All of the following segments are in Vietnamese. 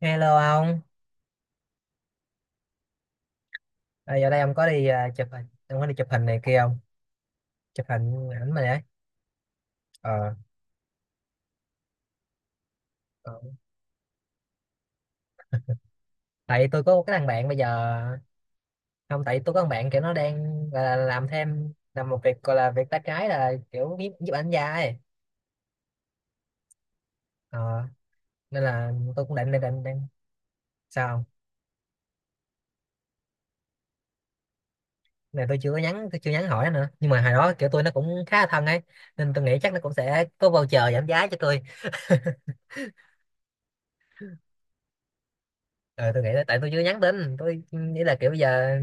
Hello ông, à, giờ đây ông có đi chụp hình, ông có đi chụp hình này kia không? Chụp hình ảnh mà đấy. Ờ. Ờ. Tại tôi có một cái thằng bạn bây giờ, không tại tôi có thằng bạn kiểu nó đang gọi là làm thêm làm một việc gọi là việc tay trái là kiểu giúp giúp ảnh gia ấy. Ờ. Nên là tôi cũng định. Sao không? Cái này tôi chưa có nhắn, tôi chưa nhắn hỏi nó nữa. Nhưng mà hồi đó kiểu tôi nó cũng khá là thân ấy, nên tôi nghĩ chắc nó cũng sẽ có voucher giảm giá cho tôi. Ờ, tôi nghĩ là tại tôi chưa nhắn tin, tôi nghĩ là kiểu bây giờ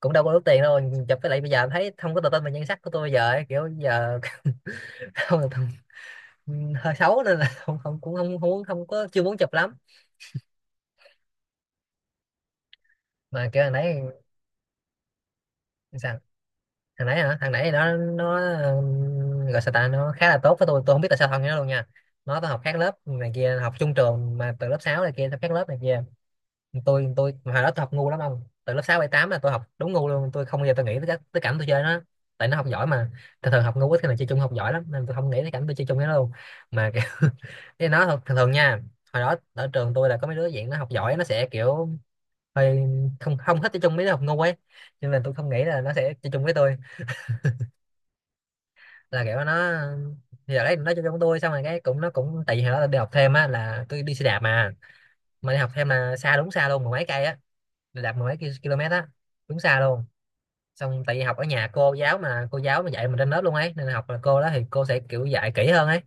cũng đâu có đủ tiền đâu chụp, với lại bây giờ thấy không có tự tin về nhan sắc của tôi bây giờ ấy, kiểu bây giờ không là hơi xấu nên là không, không cũng không muốn, không có chưa muốn chụp lắm mà kiểu thằng nãy. Sao thằng nãy hả? Thằng nãy nó gọi sao ta, nó khá là tốt với Tôi không biết tại sao thân với nó luôn nha. Nó tôi học khác lớp này kia, học chung trường mà từ lớp 6 này kia học khác lớp này kia. Tôi hồi đó tôi học ngu lắm ông, từ lớp 6 bảy 8 là tôi học đúng ngu luôn. Tôi không bao giờ tôi nghĩ tới, tới cảnh tôi chơi nó. Tại nó học giỏi mà, thường thường học ngu ít khi nào chơi chung, học giỏi lắm nên tôi không nghĩ tới cảnh tôi chơi chung với nó luôn. Mà cái cái nó thường, thường nha. Hồi đó ở trường tôi là có mấy đứa dạng nó học giỏi nó sẽ kiểu hơi không không thích chơi chung với đứa học ngu ấy, nhưng mà tôi không nghĩ là nó sẽ chơi chung với tôi, là kiểu nó. Giờ đấy nó chơi chung với tôi, xong rồi cái cũng nó cũng tại vì hồi đó tôi đi học thêm á là tôi đi xe đạp mà. Mà đi học thêm là xa, đúng xa luôn, mười mấy cây á, đạp mười mấy km á, đúng xa luôn. Xong tại vì học ở nhà cô giáo mà dạy mình trên lớp luôn ấy, nên là học là cô đó thì cô sẽ kiểu dạy kỹ hơn ấy.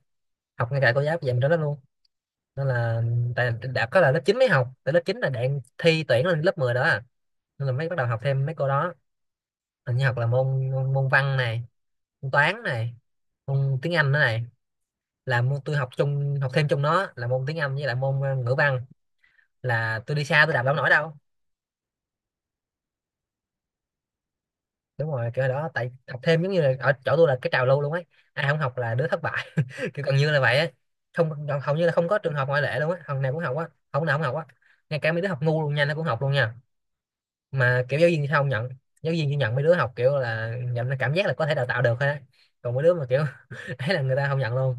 Học ngay cả cô giáo dạy mình trên lớp luôn, nên là tại đã có là lớp 9 mới học, tại lớp 9 là đang thi tuyển lên lớp 10 đó à. Nên là mới bắt đầu học thêm mấy cô đó. Hình như học là môn môn, môn văn này, môn toán này, môn tiếng Anh nữa này. Là môn tôi học chung, học thêm chung nó là môn tiếng Anh với lại môn ngữ văn. Là tôi đi xa tôi đạp đâu nổi đâu. Đúng rồi, kiểu đó tại học thêm giống như là ở chỗ tôi là cái trào lưu luôn ấy. Ai không học là đứa thất bại, kiểu gần như là vậy á. Không, hầu như là không có trường hợp ngoại lệ luôn á, học nào cũng học á, học nào cũng học á. Ngay cả mấy đứa học ngu luôn nha nó cũng học luôn nha. Mà kiểu giáo viên thì không nhận, giáo viên chỉ nhận mấy đứa học kiểu là nhận là cảm giác là có thể đào tạo được thôi á. Còn mấy đứa mà kiểu ấy là người ta không nhận luôn.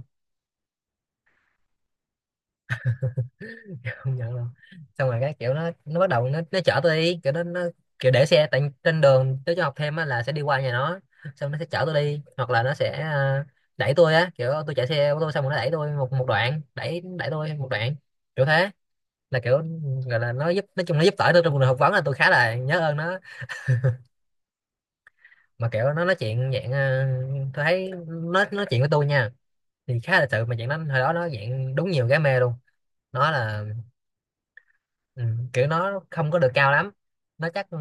Không nhận luôn. Xong rồi cái kiểu nó bắt đầu nó chở tôi đi kiểu nó kiểu để xe tại trên đường tới cho học thêm á là sẽ đi qua nhà nó. Xong nó sẽ chở tôi đi, hoặc là nó sẽ đẩy tôi á, kiểu tôi chạy xe ô tô xong rồi nó đẩy tôi một một đoạn, đẩy đẩy tôi một đoạn, kiểu thế. Là kiểu gọi là nó giúp, nói chung nó giúp đỡ tôi trong cuộc phỏng vấn là tôi khá là nhớ ơn nó. Mà kiểu nó nói chuyện dạng tôi thấy nó nói chuyện với tôi nha thì khá là sự mà chuyện nó. Hồi đó nó dạng đúng nhiều gái mê luôn, nó là ừ, kiểu nó không có được cao lắm. Nó chắc ờ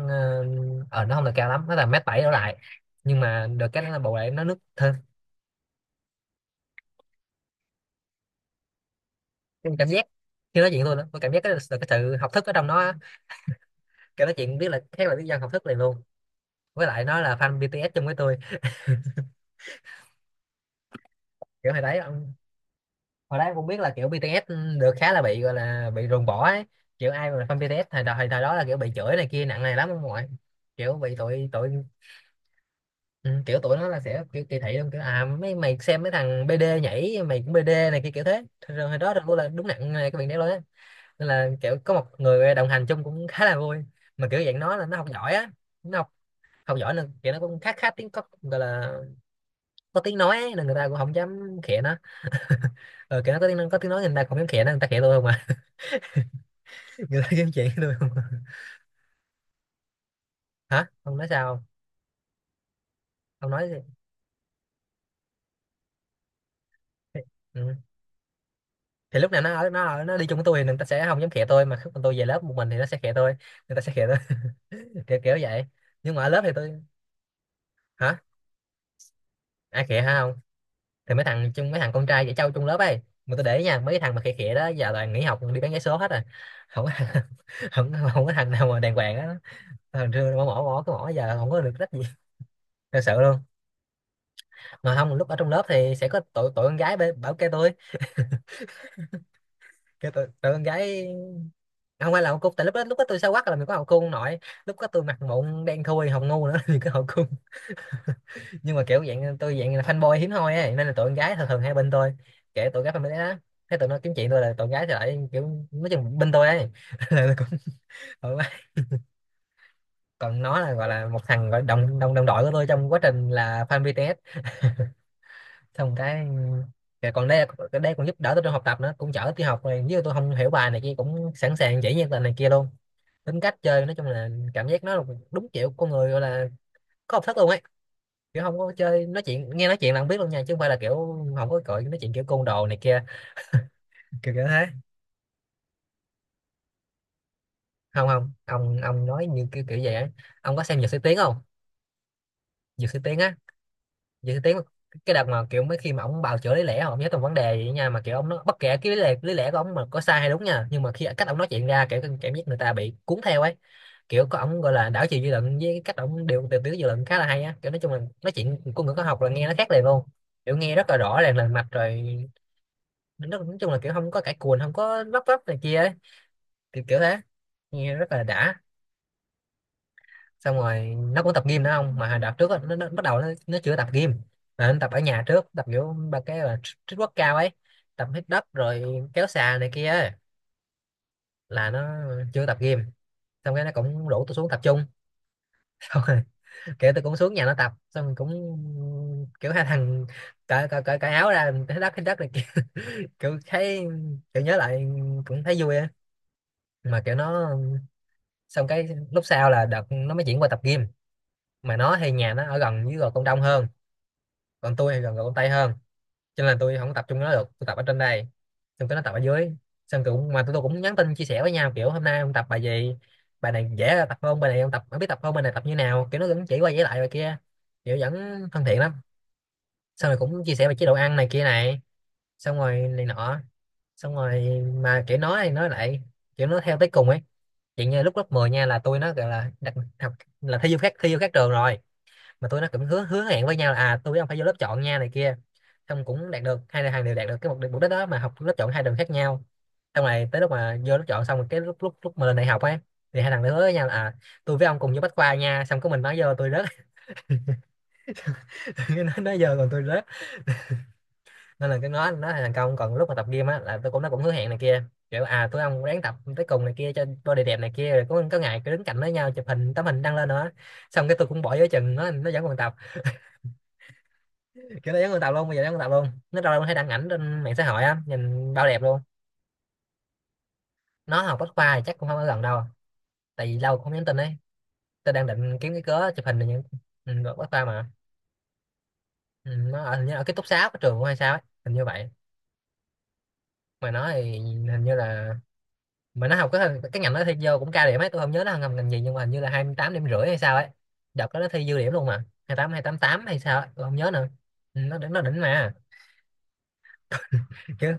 nó không được cao lắm, nó là mét bảy đổ lại, nhưng mà được cái nó là bù lại nó nước thơm. Cái cảm giác khi nói chuyện với tôi đó, tôi cảm giác cái, được cái sự học thức ở trong nó á. Kiểu nói chuyện biết là khác, là biết dân học thức liền luôn. Với lại nó là fan BTS chung với tôi. Kiểu hồi đấy em cũng biết là kiểu BTS được khá là bị gọi là bị ruồng bỏ ấy. Kiểu ai mà là fan BTS thời thời thời đó là kiểu bị chửi này kia nặng này lắm ông ngoại. Kiểu bị tụi tụi. Ừ, kiểu tụi nó là sẽ kiểu kỳ thị luôn, kiểu à mấy mày xem mấy thằng BD nhảy mày cũng BD này kia, kiểu thế. Rồi hồi đó là đúng nặng này, cái việc đấy luôn á. Nên là kiểu có một người đồng hành chung cũng khá là vui. Mà kiểu dạng nó là nó học giỏi á, nó học, học giỏi nên kiểu nó cũng khá, khá tiếng, có gọi là có tiếng nói ấy, nên người ta cũng không dám khịa nó. Ờ, kiểu nó có tiếng, có tiếng nói, người ta không dám khịa nó, người ta khịa tôi không à. Người ta kiếm chuyện với tôi. Hả? Ông nói sao không? Ông nói gì? Ừ. Thì lúc nào nó ở, nó ở nó đi chung với tôi thì người ta sẽ không dám khịa tôi, mà khi mà tôi về lớp một mình thì nó sẽ khịa tôi, người ta sẽ khịa tôi. Kiểu kiểu vậy. Nhưng mà ở lớp thì tôi hả? Ai khịa hả? Không, thì mấy thằng chung, mấy thằng con trai dễ trâu chung lớp ấy. Mà tôi để ý nha, mấy cái thằng mà khịa khịa đó giờ toàn nghỉ học đi bán vé số hết rồi. Không có không, không có thằng nào mà đàng hoàng á. Thằng xưa mỏ mỏ mỏ cái mỏ giờ không có được trách gì, thật sự luôn. Mà không, lúc ở trong lớp thì sẽ có tụi tụi con gái bảo kêu tôi. Kêu tụi, tụi con gái, không phải là hậu cung tại lúc đó, lúc đó tôi xấu quắc là mình có hậu cung nội. Lúc đó tôi mặt mụn đen thui hồng ngu nữa thì có hậu cung. Nhưng mà kiểu dạng tôi dạng là fanboy hiếm hoi ấy nên là tụi con gái thường thường hay bên tôi. Kể tụi gái fan đấy đó, thế tụi nó kiếm chuyện tôi là tụi gái thì lại kiểu nói chung bên tôi ấy. Là tôi cũng thoải mái. Còn nó là gọi là một thằng gọi đồng đồng đồng đội của tôi trong quá trình là fan BTS. Xong cái còn đây, đây còn giúp đỡ tôi trong học tập nữa, cũng chở tôi học này, nếu tôi không hiểu bài này kia cũng sẵn sàng chỉ như là này kia luôn. Tính cách chơi nói chung là cảm giác nó là đúng kiểu con người gọi là có học thức luôn ấy. Kiểu không có chơi nói chuyện, nghe nói chuyện là không biết luôn nha, chứ không phải là kiểu không có cội nói chuyện kiểu côn đồ này kia, kiểu kiểu thế. Không không, ông ông nói như kiểu kiểu vậy á. Ông có xem Dược Sĩ Tiến không? Dược Sĩ Tiến á. Vậy thì tiếng cái đợt mà kiểu mấy khi mà ông bào chữa lý lẽ ông nhớ từng vấn đề vậy nha, mà kiểu ông nó bất kể cái lý lẽ của ông mà có sai hay đúng nha, nhưng mà khi cách ông nói chuyện ra kiểu cảm giác người ta bị cuốn theo ấy. Kiểu có ông gọi là đảo chiều dư luận với cái cách ông điều điều tiết dư luận khá là hay á, kiểu nói chung là nói chuyện của người có học là nghe nó khác liền luôn. Kiểu nghe rất là rõ ràng lần mạch rồi. Nó nói chung là kiểu không có cãi cùn, không có vấp vấp này kia ấy, kiểu kiểu thế. Nghe rất là đã. Xong rồi nó cũng tập gym nữa không, mà hồi đợt trước á, nó bắt đầu nó chưa tập gym mà nó tập ở nhà trước Tập kiểu ba cái là trích quất cao ấy, tập hít đất rồi kéo xà này kia ấy. Là nó chưa tập gym, xong cái nó cũng rủ tôi xuống tập chung. Xong rồi kiểu tôi cũng xuống nhà nó tập xong rồi cũng kiểu hai thằng cởi áo ra, hít đất này kia. Kiểu thấy, kiểu nhớ lại cũng thấy vui á. Mà kiểu nó, xong cái lúc sau là đợt nó mới chuyển qua tập gym. Mà nó thì nhà nó ở gần với Gò Công Đông hơn, còn tôi thì gần gần Con Tay hơn, cho nên là tôi không tập trung với nó được, tôi tập ở trên đây, xong cái nó tập ở dưới. Xong tôi cũng, mà tụi tôi cũng nhắn tin chia sẻ với nhau kiểu hôm nay ông tập bài gì, bài này dễ tập không, bài này ông tập không, biết tập không, bài này tập như nào. Kiểu nó vẫn chỉ qua chỉ lại bài kia, kiểu vẫn thân thiện lắm. Xong rồi cũng chia sẻ về chế độ ăn này kia này, xong rồi này nọ, xong rồi mà kiểu nói thì nói lại, kiểu nó theo tới cùng ấy. Chuyện như lúc lớp 10 nha, là tôi nó gọi là đặt học, là thi vô khác, thi vô khác trường rồi, mà tụi nó cũng hứa hứa hẹn với nhau là à, tôi với ông phải vô lớp chọn nha này kia, xong cũng đạt được, hai thằng đều đạt được cái mục đích đó mà học lớp chọn hai đường khác nhau. Xong rồi tới lúc mà vô lớp chọn xong rồi, cái lúc lúc lúc mà lên đại học ấy, thì hai thằng nó hứa với nhau là à, tôi với ông cùng vô Bách Khoa nha, xong có mình nói vô, tôi rớt. Nó nói vô còn tôi rớt, nên là cái nó thành công. Còn lúc mà tập gym á, là tôi cũng, nó cũng hứa hẹn này kia, kiểu à tôi ông ráng tập tới cùng này kia cho body đẹp này kia, rồi có ngày cứ đứng cạnh với nhau chụp hình, tấm hình đăng lên nữa. Xong cái tôi cũng bỏ giữa chừng, nó vẫn còn tập. Kiểu nó giống con tàu luôn, bây giờ giống con tàu luôn, nó đâu đâu thấy đăng ảnh trên mạng xã hội á, nhìn bao đẹp luôn. Nó học Bách Khoa thì chắc cũng không ở gần đâu, tại vì lâu không nhắn tin ấy. Tôi đang định kiếm cái cớ chụp hình này những, ừ, được Bách Khoa mà. Ừ, nó ở, hình như ở ký túc xá của trường hay sao ấy, hình như vậy. Mà nó thì hình như là, mà nó học cái ngành nó thi vô cũng cao điểm ấy, tôi không nhớ nó học ngành gì, nhưng mà hình như là 28 điểm rưỡi hay sao ấy. Đợt đó nó thi dư điểm luôn, mà hai hai tám tám hay sao ấy, tôi không nhớ nữa. Ừ, nó đỉnh, nó đỉnh mà. Chứ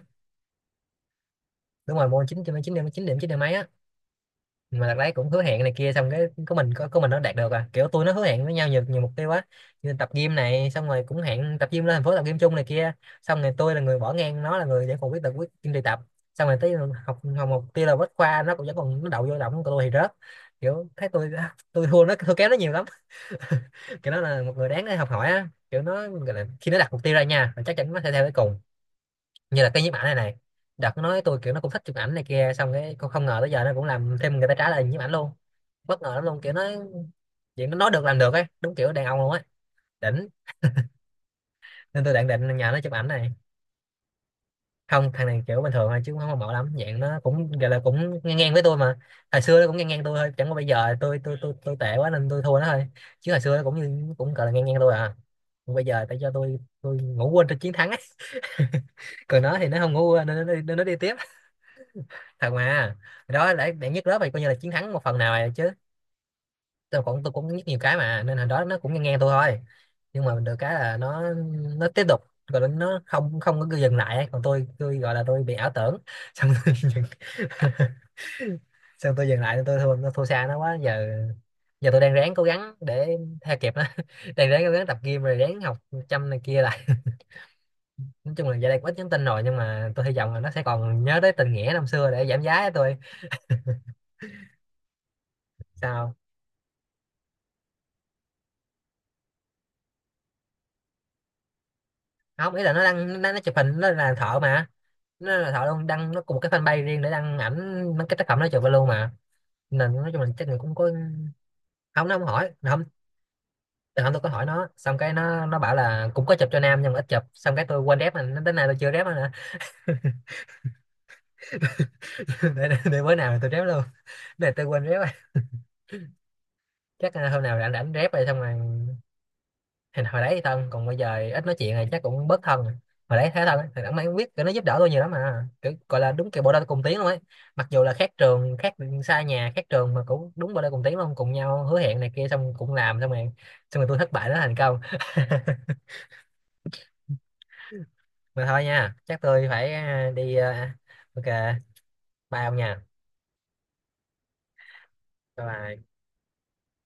đúng rồi, môn 9, 9 điểm, 9 điểm, 9 điểm mấy á. Mà đợt đấy cũng hứa hẹn này kia, xong cái của mình có, của mình nó đạt được à, kiểu tôi nó hứa hẹn với nhau nhiều, nhiều mục tiêu quá, như tập gym này, xong rồi cũng hẹn tập gym, lên thành phố tập gym chung này kia. Xong rồi tôi là người bỏ ngang, nó là người vẫn còn quyết tập, quyết kiên trì tập. Xong rồi tới học, học mục tiêu là Bách Khoa, nó cũng vẫn còn, nó đậu vô động, của tôi thì rớt. Kiểu thấy tôi tôi thua nó, thua kém nó nhiều lắm. Kiểu nó là một người đáng để học hỏi á. Kiểu nó gọi là khi nó đặt mục tiêu ra nha, là chắc chắn nó sẽ theo tới cùng. Như là cái nhiếp ảnh này này, đợt nó nói tôi kiểu nó cũng thích chụp ảnh này kia, xong cái không ngờ tới giờ nó cũng làm thêm, người ta trả lời nhiếp ảnh luôn. Bất ngờ lắm luôn, kiểu nó chuyện nó nói được làm được ấy, đúng kiểu đàn ông luôn á, đỉnh. Nên tôi định định nhờ nó chụp ảnh này. Không, thằng này kiểu bình thường thôi chứ cũng không hâm mộ lắm, dạng nó cũng gọi là cũng ngang ngang với tôi mà. Hồi xưa nó cũng ngang ngang tôi thôi, chẳng qua bây giờ tôi tệ quá nên tôi thua nó thôi. Chứ hồi xưa nó cũng như cũng gọi là ngang ngang tôi à. Còn bây giờ tại cho tôi ngủ quên trên chiến thắng ấy. Còn nó thì nó không ngủ quên, nên nên nó đi tiếp. Thật mà. Hồi đó để nhất lớp thì coi như là chiến thắng một phần nào rồi chứ. Tôi cũng, tôi cũng nhất nhiều cái mà, nên hồi đó nó cũng nghe nghe tôi thôi. Nhưng mà được cái là nó tiếp tục, rồi nó không không có dừng lại ấy. Còn tôi gọi là tôi bị ảo tưởng xong tôi dừng. Xong tôi dừng lại, tôi thua nó, thua xa nó quá giờ. Giờ tôi đang ráng cố gắng để theo kịp nó. Đang ráng cố gắng tập gym rồi ráng học chăm này kia lại. Nói chung là giờ đây cũng ít nhắn tin rồi, nhưng mà tôi hy vọng là nó sẽ còn nhớ tới tình nghĩa năm xưa để giảm giá cho tôi. Sao không, ý là nó đăng, nó chụp hình, nó là thợ mà. Nó là thợ luôn, đăng nó cùng một cái fanpage riêng để đăng ảnh mấy cái tác phẩm nó chụp vào luôn mà. Nên nói chung là chắc mình cũng có. Không, nó không hỏi, không. Từ hôm tôi có hỏi nó, xong cái nó bảo là cũng có chụp cho nam nhưng mà ít chụp, xong cái tôi quên rep mà nó, đến nay tôi chưa rep nữa nè. Để bữa nào tôi rep luôn, để tôi quên rep rồi. Chắc là hôm nào rảnh rảnh rep rồi xong rồi. Hồi, hồi đấy thì thân, còn bây giờ ít nói chuyện này chắc cũng bớt thân rồi. Hồi đấy thấy thân á, thì đẳng mày cũng biết cái nó giúp đỡ tôi nhiều lắm mà, kiểu gọi là đúng kiểu bộ đôi cùng tiếng luôn ấy. Mặc dù là khác trường khác, xa nhà khác trường, mà cũng đúng bộ đôi cùng tiếng luôn, cùng nhau hứa hẹn này kia xong cũng làm, xong rồi, xong rồi tôi thất bại nó thành công. Mà thôi nha, chắc tôi phải à, đi à, ok, bye ông nha, bye bye.